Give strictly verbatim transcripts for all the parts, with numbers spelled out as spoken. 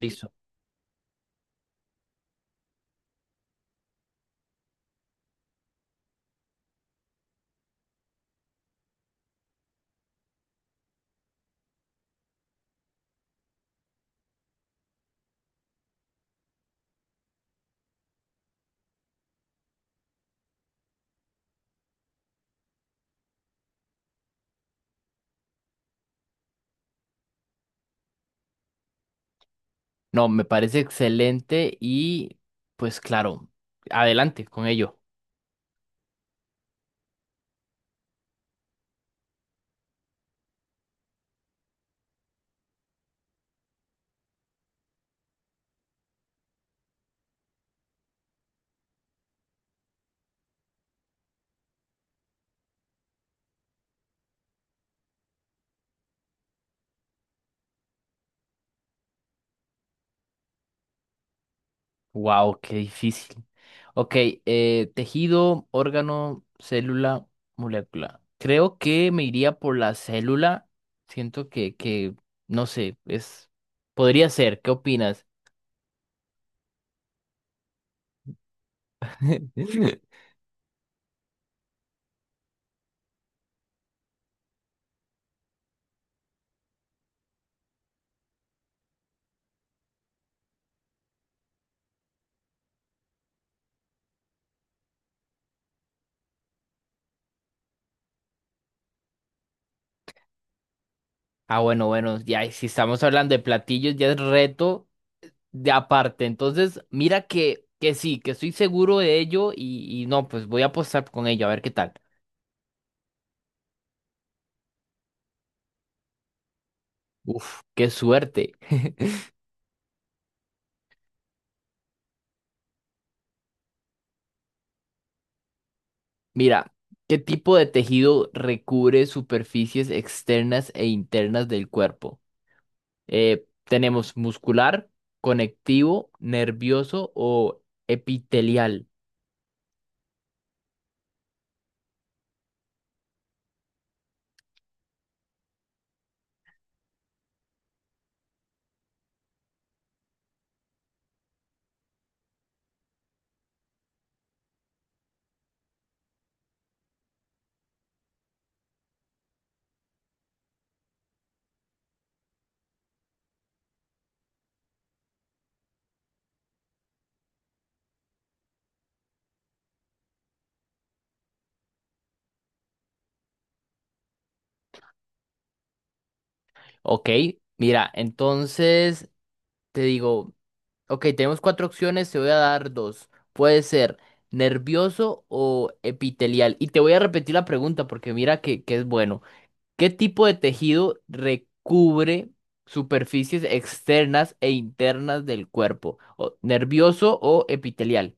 Listo. No, me parece excelente y pues claro, adelante con ello. Wow, qué difícil. Ok, eh, tejido, órgano, célula, molécula. Creo que me iría por la célula. Siento que, que, no sé, es, podría ser. ¿Qué opinas? Ah, bueno, bueno, ya. Y si estamos hablando de platillos, ya es reto de aparte. Entonces, mira que, que sí, que estoy seguro de ello y, y no, pues voy a apostar con ello, a ver qué tal. Uf, qué suerte. Mira, ¿qué tipo de tejido recubre superficies externas e internas del cuerpo? Eh, tenemos muscular, conectivo, nervioso o epitelial. Ok, mira, entonces te digo. Ok, tenemos cuatro opciones, te voy a dar dos. Puede ser nervioso o epitelial. Y te voy a repetir la pregunta porque mira que, que es bueno. ¿Qué tipo de tejido recubre superficies externas e internas del cuerpo? O- ¿nervioso o epitelial?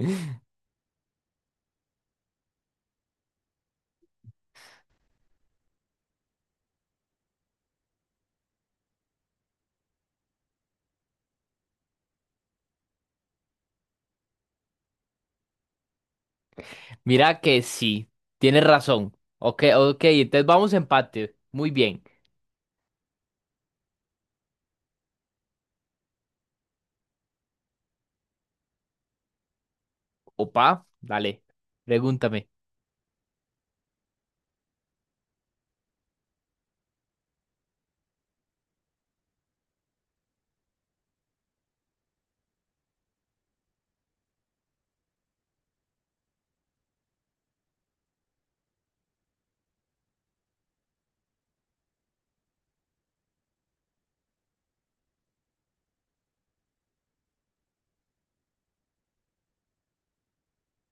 Mira que sí, tienes razón. Ok, ok, entonces vamos a empate. Muy bien. Opa, dale, pregúntame.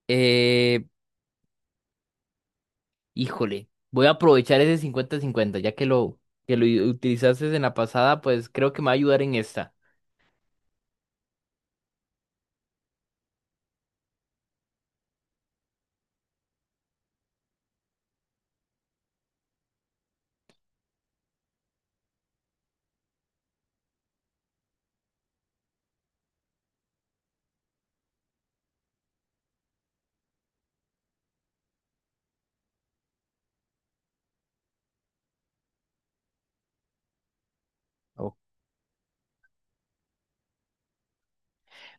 Eh, Híjole, voy a aprovechar ese cincuenta-cincuenta, ya que lo, que lo i- utilizaste en la pasada, pues creo que me va a ayudar en esta. Ok.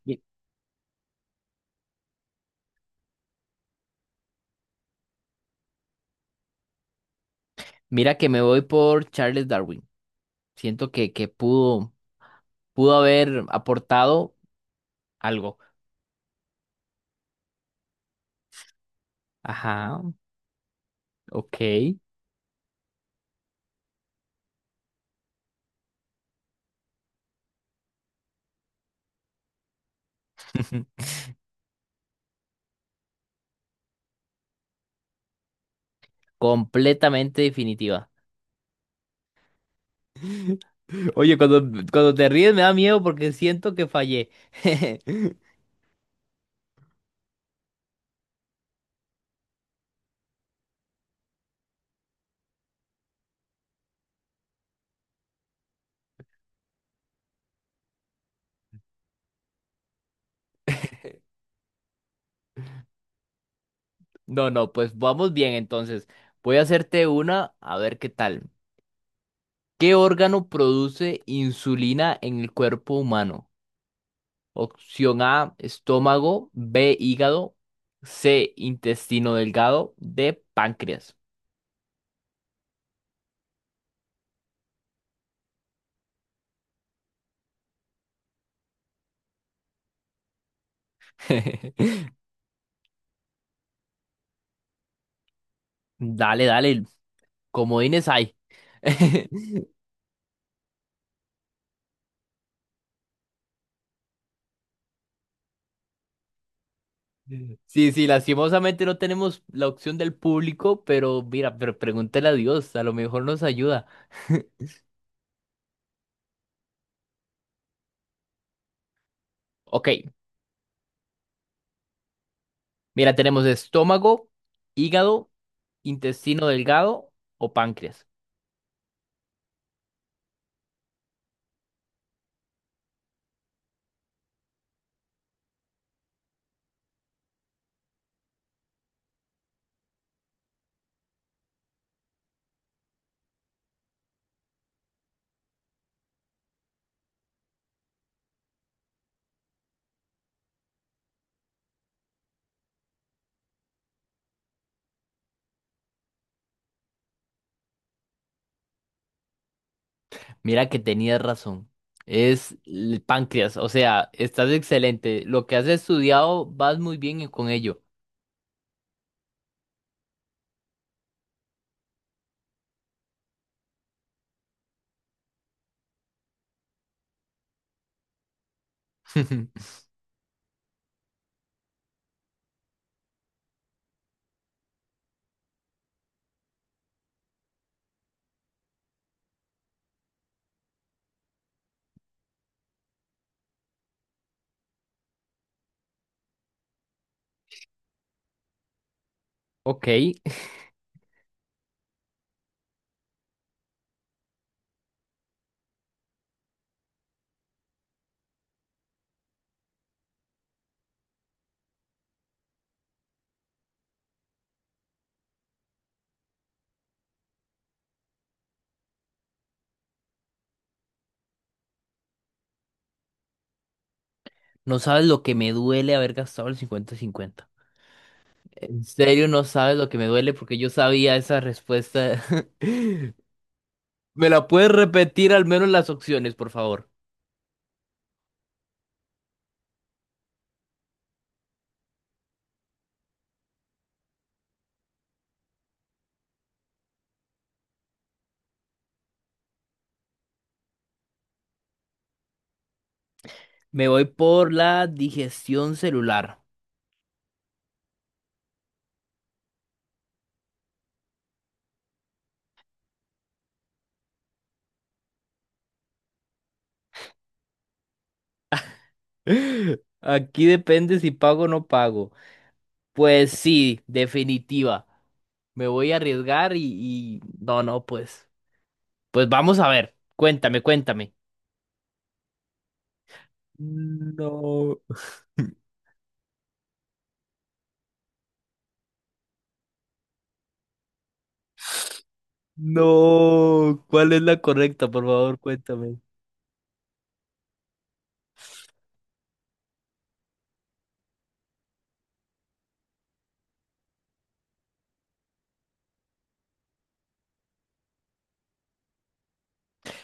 Mi- Mira que me voy por Charles Darwin. Siento que, que pudo, pudo haber aportado algo. Ajá, ok. Completamente definitiva. Oye, cuando, cuando te ríes me da miedo porque siento que fallé. No, no, pues vamos bien entonces. Voy a hacerte una, a ver qué tal. ¿Qué órgano produce insulina en el cuerpo humano? Opción A, estómago; be, hígado; ce, intestino delgado; de, páncreas. Dale, dale, comodines hay. Sí, sí, lastimosamente no tenemos la opción del público, pero mira, pero pregúntale a Dios, a lo mejor nos ayuda. Ok, mira, tenemos estómago, hígado, intestino delgado o páncreas. Mira que tenías razón. Es el páncreas. O sea, estás excelente. Lo que has estudiado, vas muy bien con ello. Ok. No sabes lo que me duele haber gastado el cincuenta-cincuenta. En serio, no sabes lo que me duele porque yo sabía esa respuesta. ¿Me la puedes repetir al menos las opciones, por favor? Me voy por la digestión celular. Aquí depende si pago o no pago. Pues sí, definitiva. Me voy a arriesgar y, y... No, no, pues. Pues vamos a ver. Cuéntame, cuéntame. No, no. ¿Cuál es la correcta? Por favor, cuéntame.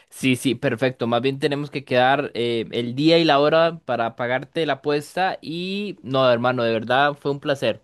Sí, sí, perfecto. Más bien tenemos que quedar eh, el día y la hora para pagarte la apuesta y... No, hermano, de verdad fue un placer.